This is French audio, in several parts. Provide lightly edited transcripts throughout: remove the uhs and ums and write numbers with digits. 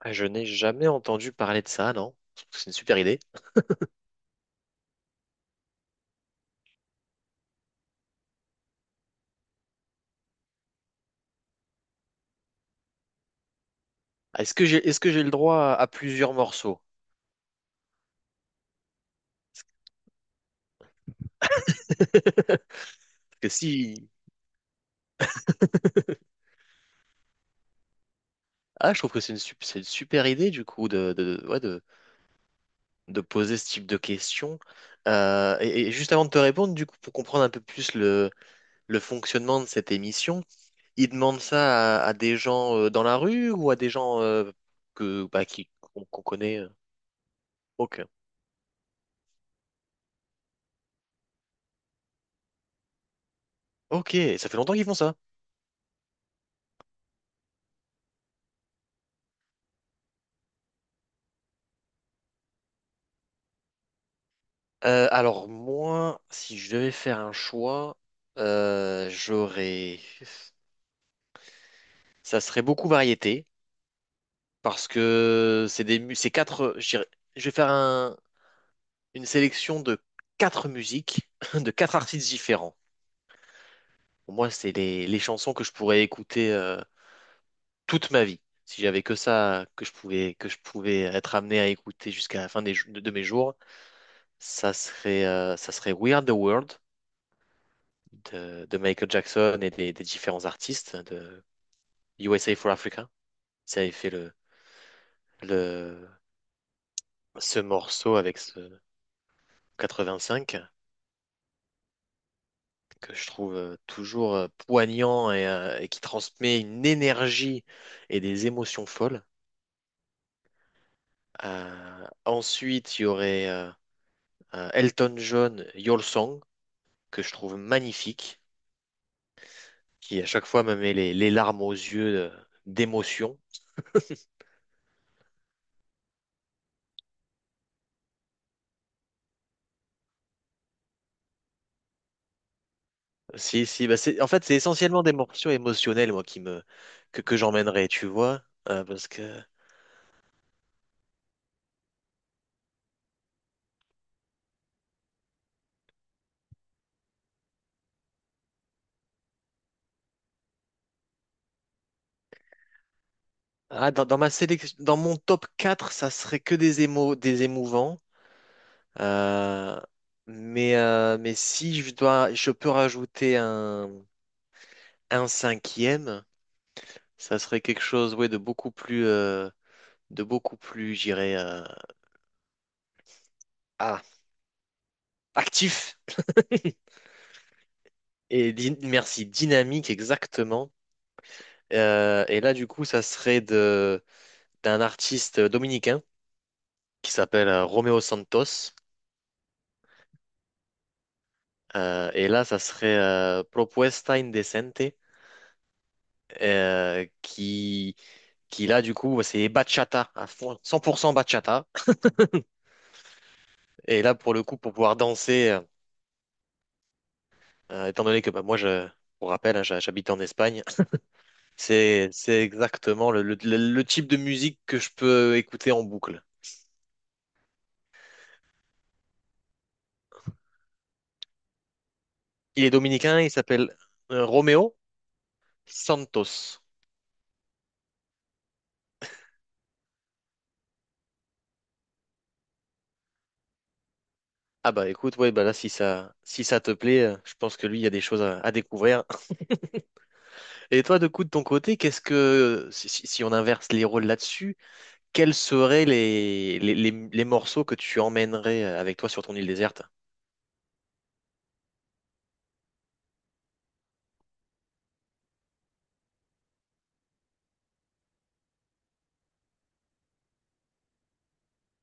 Ah, je n'ai jamais entendu parler de ça, non? C'est une super idée. Ah, est-ce que j'ai, est-ce que j'ai le droit à plusieurs morceaux? Parce que si, ah, je trouve que c'est une, c'est une super idée du coup de poser ce type de questions. Et juste avant de te répondre, du coup, pour comprendre un peu plus le fonctionnement de cette émission, ils demandent ça à des gens dans la rue ou à des gens que bah, qui qu'on connaît. Ok, ok, ça fait longtemps qu'ils font ça. Alors moi, si je devais faire un choix, j'aurais, ça serait beaucoup variété parce que c'est des, c'est quatre. Je dirais- je vais faire un- Une sélection de quatre musiques de quatre artistes différents. Pour moi, c'est les chansons que je pourrais écouter toute ma vie si j'avais que ça que je pouvais être amené à écouter jusqu'à la fin de mes jours. Ça serait We Are the World de Michael Jackson et des différents artistes. USA for Africa. Ça avait fait le, ce morceau avec ce 85 que je trouve toujours poignant et et qui transmet une énergie et des émotions folles. Ensuite, il y aurait Elton John, Your Song, que je trouve magnifique, qui à chaque fois me met les larmes aux yeux d'émotion. Si, si, bah c'est, en fait, c'est essentiellement des morceaux émotionnels, moi, que j'emmènerai, tu vois, parce que. Ah, dans ma sélection, dans mon top 4, ça serait que des émouvants. Euh, mais si je dois, je peux rajouter un cinquième, ça serait quelque chose, ouais, de beaucoup plus, j'irais, ah, actif merci, dynamique, exactement. Et là, du coup, ça serait de d'un artiste dominicain qui s'appelle Romeo Santos. Et là, ça serait Propuesta Indecente. euh, qui, qui là, du coup, c'est bachata, à fond, 100% bachata. Et là, pour le coup, pour pouvoir danser, étant donné que bah, moi, je, pour rappel, hein, j'habite en Espagne, c'est exactement le type de musique que je peux écouter en boucle. Il est dominicain, il s'appelle Romeo Santos. Ah bah écoute, ouais, bah là, si ça te plaît, je pense que lui, il y a des choses à découvrir. Et toi, de coup, de ton côté, qu'est-ce que, si on inverse les rôles là-dessus, quels seraient les morceaux que tu emmènerais avec toi sur ton île déserte?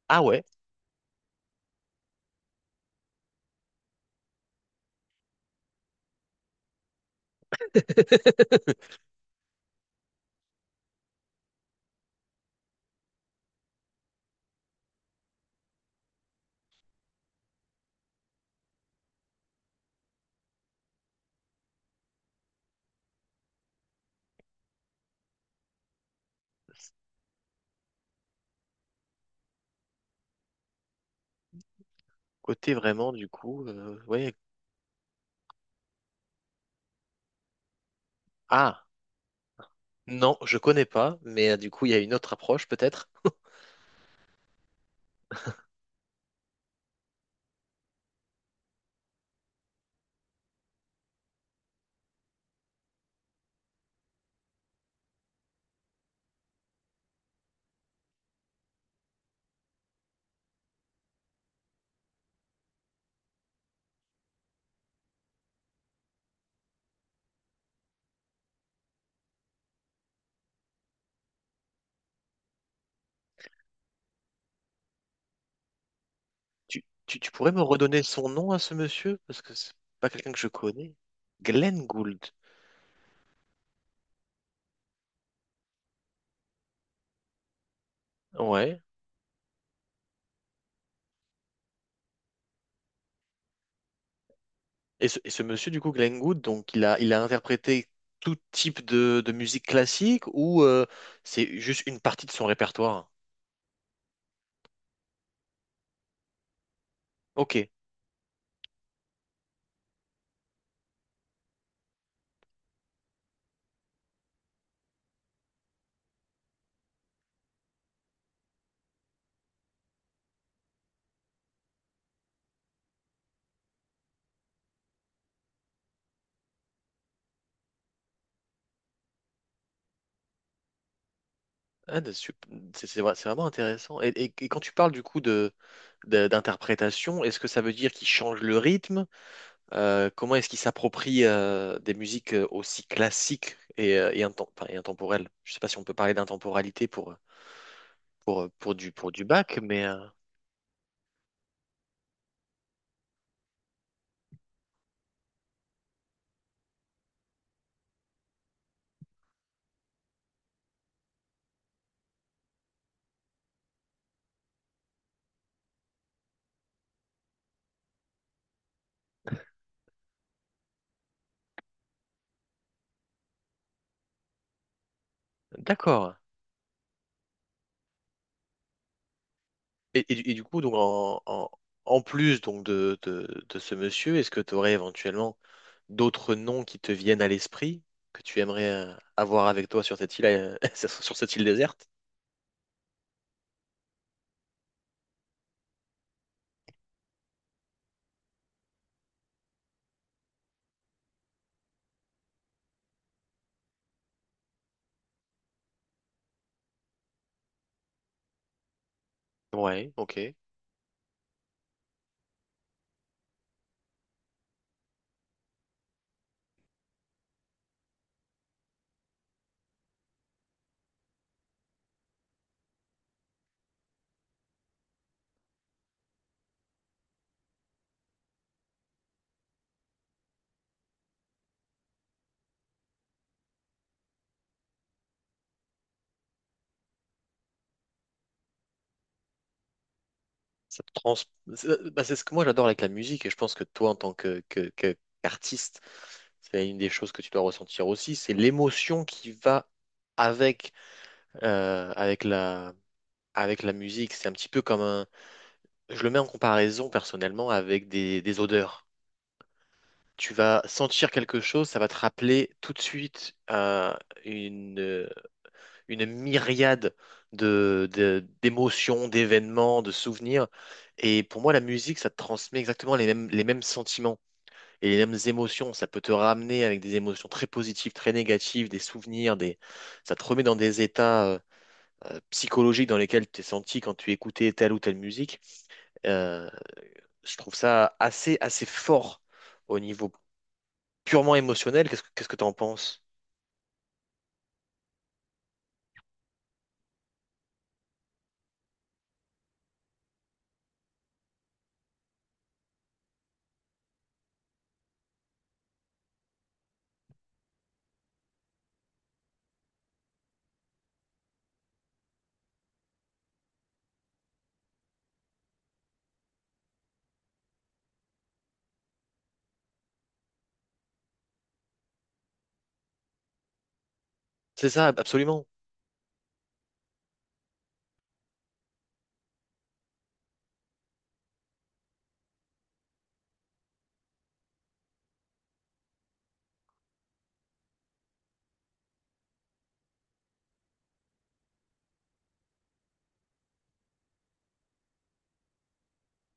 Ah ouais, côté vraiment du coup, ouais. Ah non, je connais pas, mais du coup il y a une autre approche peut-être. Tu pourrais me redonner son nom à ce monsieur? Parce que c'est pas quelqu'un que je connais. Glenn Gould. Ouais. Et ce monsieur du coup Glenn Gould, donc il a interprété tout type de musique classique ou c'est juste une partie de son répertoire? Ok. Ah, de sup- c'est vra- C'est vraiment intéressant. Et quand tu parles du coup d'interprétation, est-ce que ça veut dire qu'ils changent le rythme? Comment est-ce qu'ils s'approprient des musiques aussi classiques enfin, et intemporelles? Je sais pas si on peut parler d'intemporalité pour du bac, mais d'accord. Et du coup, donc en plus donc de ce monsieur, est-ce que tu aurais éventuellement d'autres noms qui te viennent à l'esprit que tu aimerais avoir avec toi sur cette île, sur cette île déserte? Ouais, ok. Ça te trans... C'est bah, c'est ce que moi j'adore avec la musique et je pense que toi en tant qu'artiste, c'est une des choses que tu dois ressentir aussi, c'est l'émotion qui va avec, avec avec la musique. C'est un petit peu comme un. Je le mets en comparaison personnellement avec des odeurs. Tu vas sentir quelque chose, ça va te rappeler tout de suite une, euh, une myriade de, d'émotions, d'événements, de souvenirs. Et pour moi, la musique, ça te transmet exactement les mêmes sentiments et les mêmes émotions. Ça peut te ramener avec des émotions très positives, très négatives, des souvenirs, des... ça te remet dans des états psychologiques dans lesquels tu t'es senti quand tu écoutais telle ou telle musique. Euh, Je trouve ça assez, assez fort au niveau purement émotionnel. Qu'est-ce que t'en penses? C'est ça, absolument.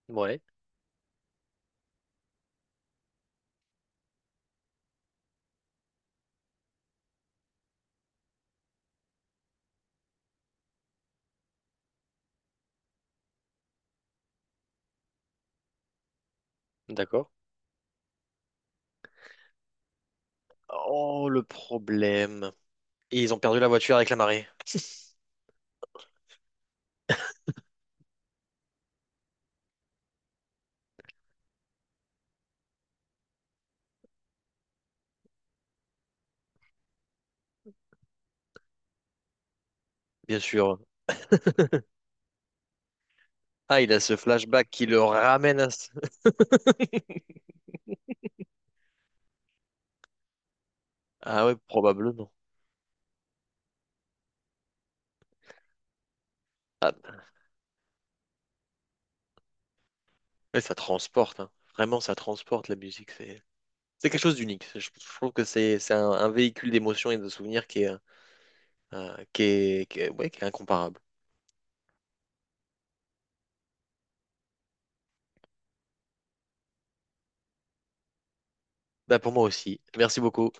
Ouais, d'accord. Oh, le problème. Et ils ont perdu la voiture avec la marée, bien sûr. Ah, il a ce flashback qui le ramène à... ce- Ah ouais, probablement. Ah, mais ça transporte, hein. Vraiment, ça transporte la musique. C'est quelque chose d'unique. Je trouve que c'est un véhicule d'émotions et de souvenirs qui est, qui est- ouais, qui est incomparable. Bah, pour moi aussi. Merci beaucoup.